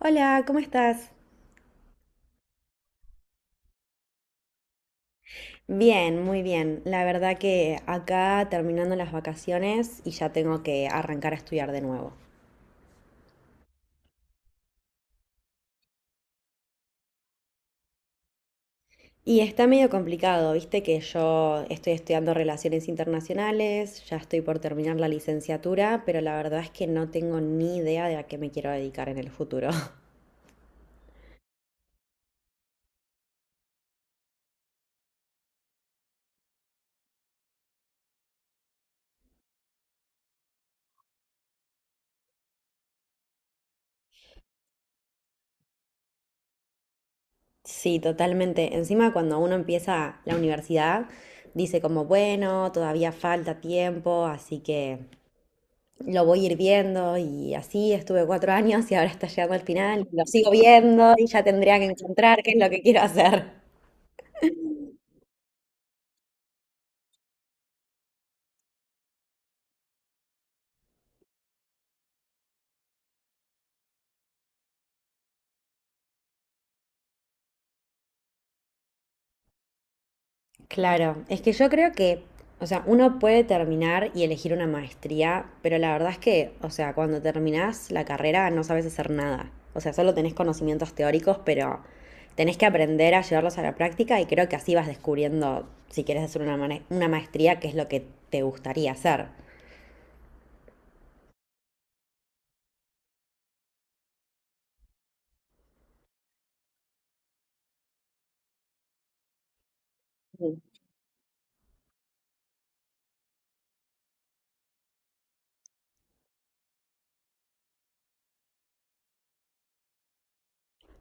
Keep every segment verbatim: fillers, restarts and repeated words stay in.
Hola, ¿cómo estás? Bien, muy bien. La verdad que acá terminando las vacaciones y ya tengo que arrancar a estudiar de nuevo. Y está medio complicado, viste que yo estoy estudiando relaciones internacionales, ya estoy por terminar la licenciatura, pero la verdad es que no tengo ni idea de a qué me quiero dedicar en el futuro. Sí, totalmente. Encima cuando uno empieza la universidad, dice como, bueno, todavía falta tiempo, así que lo voy a ir viendo, y así estuve cuatro años y ahora está llegando al final. Lo sigo viendo y ya tendría que encontrar qué es lo que quiero hacer. Claro, es que yo creo que, o sea, uno puede terminar y elegir una maestría, pero la verdad es que, o sea, cuando terminás la carrera no sabes hacer nada. O sea, solo tenés conocimientos teóricos, pero tenés que aprender a llevarlos a la práctica y creo que así vas descubriendo si quieres hacer una, mane- una maestría, qué es lo que te gustaría hacer.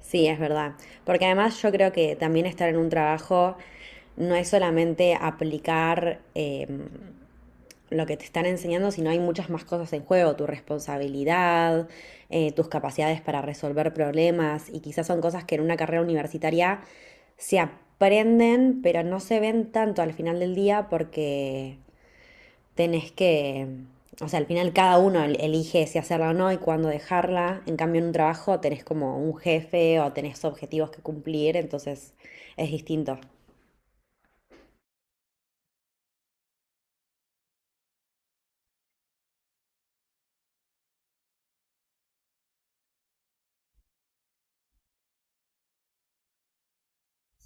Sí, es verdad. Porque además yo creo que también estar en un trabajo no es solamente aplicar eh, lo que te están enseñando, sino hay muchas más cosas en juego, tu responsabilidad, eh, tus capacidades para resolver problemas, y quizás son cosas que en una carrera universitaria se aprenden, pero no se ven tanto al final del día porque tenés que, o sea, al final cada uno el- elige si hacerla o no y cuándo dejarla. En cambio, en un trabajo tenés como un jefe o tenés objetivos que cumplir, entonces es distinto.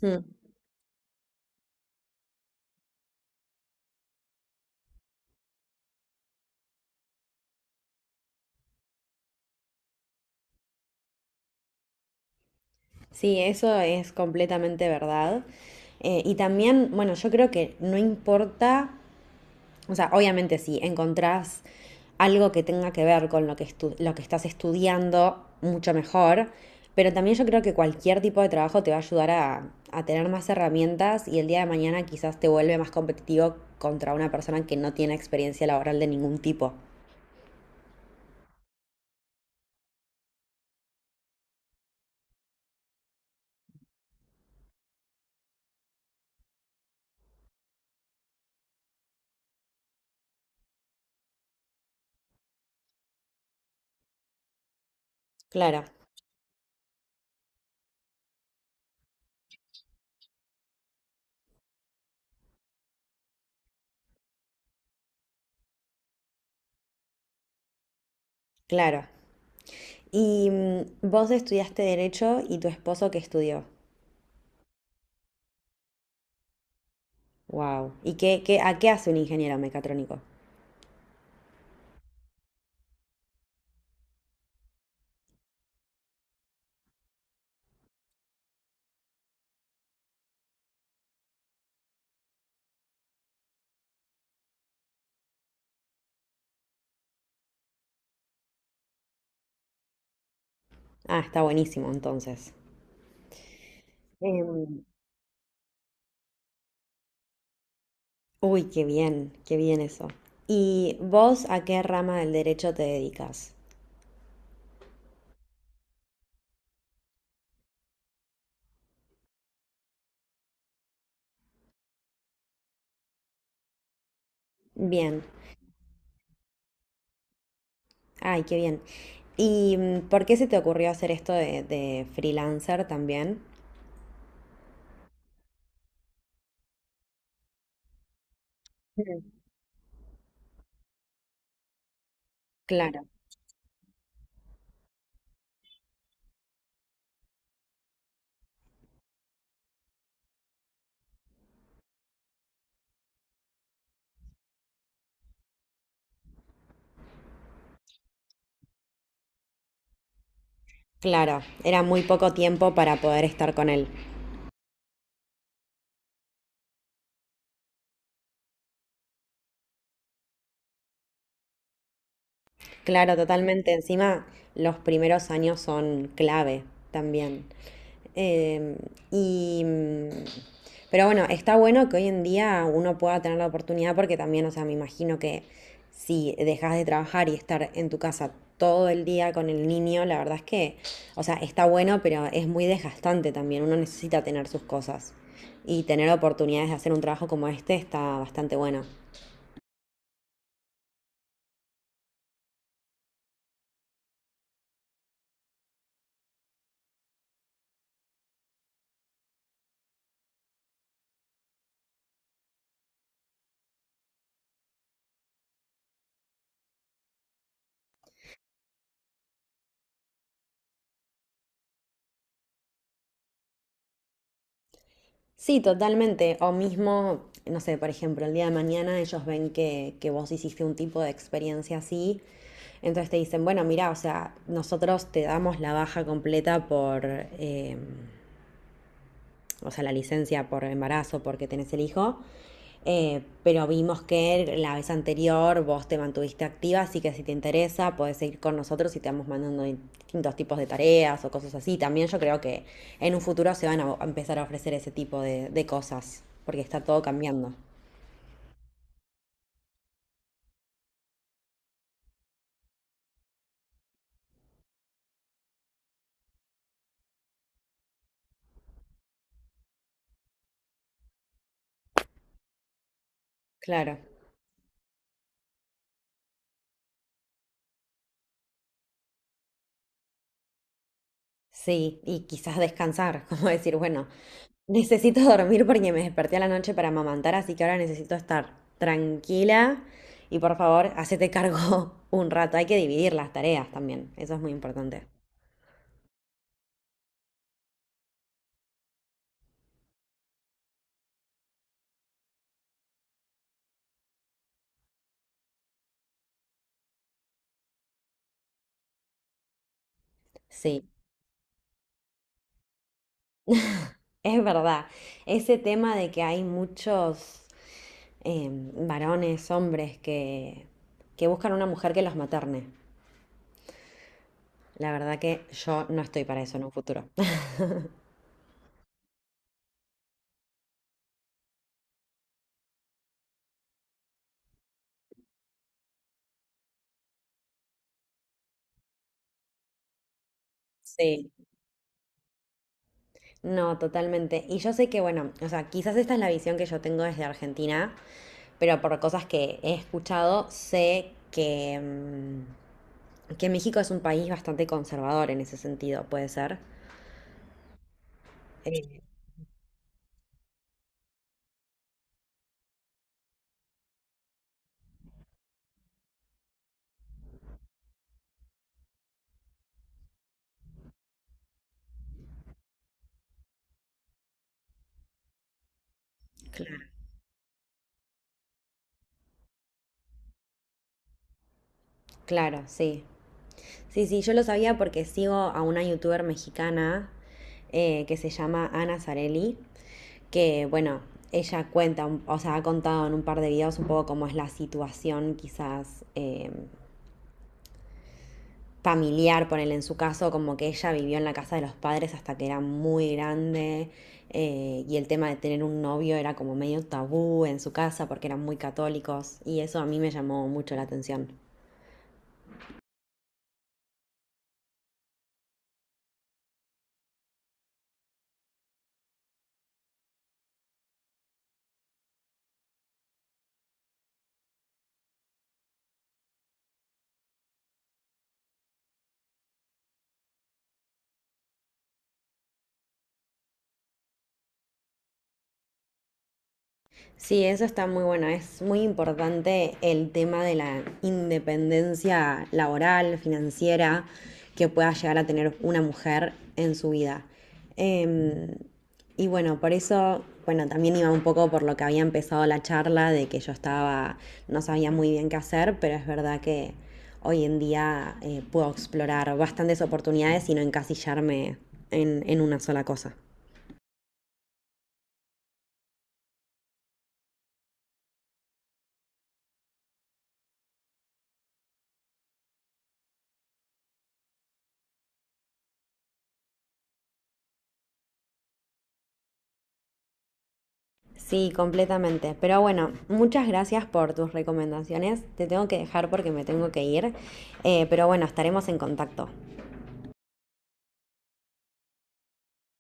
Mm. Sí, eso es completamente verdad. Eh, y también, bueno, yo creo que no importa. O sea, obviamente si encontrás algo que tenga que ver con lo que, estu- lo que estás estudiando, mucho mejor. Pero también yo creo que cualquier tipo de trabajo te va a ayudar a, a tener más herramientas, y el día de mañana quizás te vuelve más competitivo contra una persona que no tiene experiencia laboral de ningún tipo. Claro, claro. Y mm, vos estudiaste derecho, ¿y tu esposo qué estudió? Wow. ¿Y qué, qué, a qué hace un ingeniero mecatrónico? Ah, está buenísimo entonces. Em, Uy, qué bien, qué bien eso. ¿Y vos a qué rama del derecho te dedicas? Bien, ay, qué bien. ¿Y mm, por qué se te ocurrió hacer esto de, de freelancer también? Mm. Claro, claro, era muy poco tiempo para poder estar con él. Claro, totalmente. Encima, los primeros años son clave también. Em, y, mm, pero bueno, está bueno que hoy en día uno pueda tener la oportunidad, porque también, o sea, me imagino que si dejas de trabajar y estar en tu casa todo el día con el niño, la verdad es que, o sea, está bueno, pero es muy desgastante también. Uno necesita tener sus cosas y tener oportunidades de hacer un trabajo como este está bastante bueno. Sí, totalmente. O mismo, no sé, por ejemplo, el día de mañana ellos ven que, que vos hiciste un tipo de experiencia así, entonces te dicen, bueno, mira, o sea, nosotros te damos la baja completa por, em, o sea, la licencia por embarazo porque tenés el hijo. Eh, pero vimos que la vez anterior vos te mantuviste activa, así que si te interesa, podés seguir con nosotros y te vamos mandando distintos tipos de tareas o cosas así. También yo creo que en un futuro se van a empezar a ofrecer ese tipo de, de cosas, porque está todo cambiando. Claro. Sí, y quizás descansar, como decir, bueno, necesito dormir porque me desperté a la noche para amamantar, así que ahora necesito estar tranquila y, por favor, hacete cargo un rato. Hay que dividir las tareas también, eso es muy importante. Sí, es verdad. Ese tema de que hay muchos eh, varones, hombres que, que buscan una mujer que los materne. La verdad que yo no estoy para eso en un futuro. Sí, no, totalmente. Y yo sé que, bueno, o sea, quizás esta es la visión que yo tengo desde Argentina, pero por cosas que he escuchado, sé que, mm, que México es un país bastante conservador en ese sentido, puede ser. Eh, claro. Claro, sí. Sí, sí, yo lo sabía porque sigo a una youtuber mexicana eh, que se llama Ana Zarelli, que, bueno, ella cuenta, un- o sea, ha contado en un par de videos un poco cómo es la situación quizás. Em, familiar, ponele en su caso, como que ella vivió en la casa de los padres hasta que era muy grande, eh, y el tema de tener un novio era como medio tabú en su casa porque eran muy católicos y eso a mí me llamó mucho la atención. Sí, eso está muy bueno. Es muy importante el tema de la independencia laboral, financiera, que pueda llegar a tener una mujer en su vida. Em, y bueno, por eso, bueno, también iba un poco por lo que había empezado la charla, de que yo estaba, no sabía muy bien qué hacer, pero es verdad que hoy en día eh, puedo explorar bastantes oportunidades y no encasillarme en en una sola cosa. Sí, completamente. Pero bueno, muchas gracias por tus recomendaciones. Te tengo que dejar porque me tengo que ir. Eh, pero bueno, estaremos en contacto.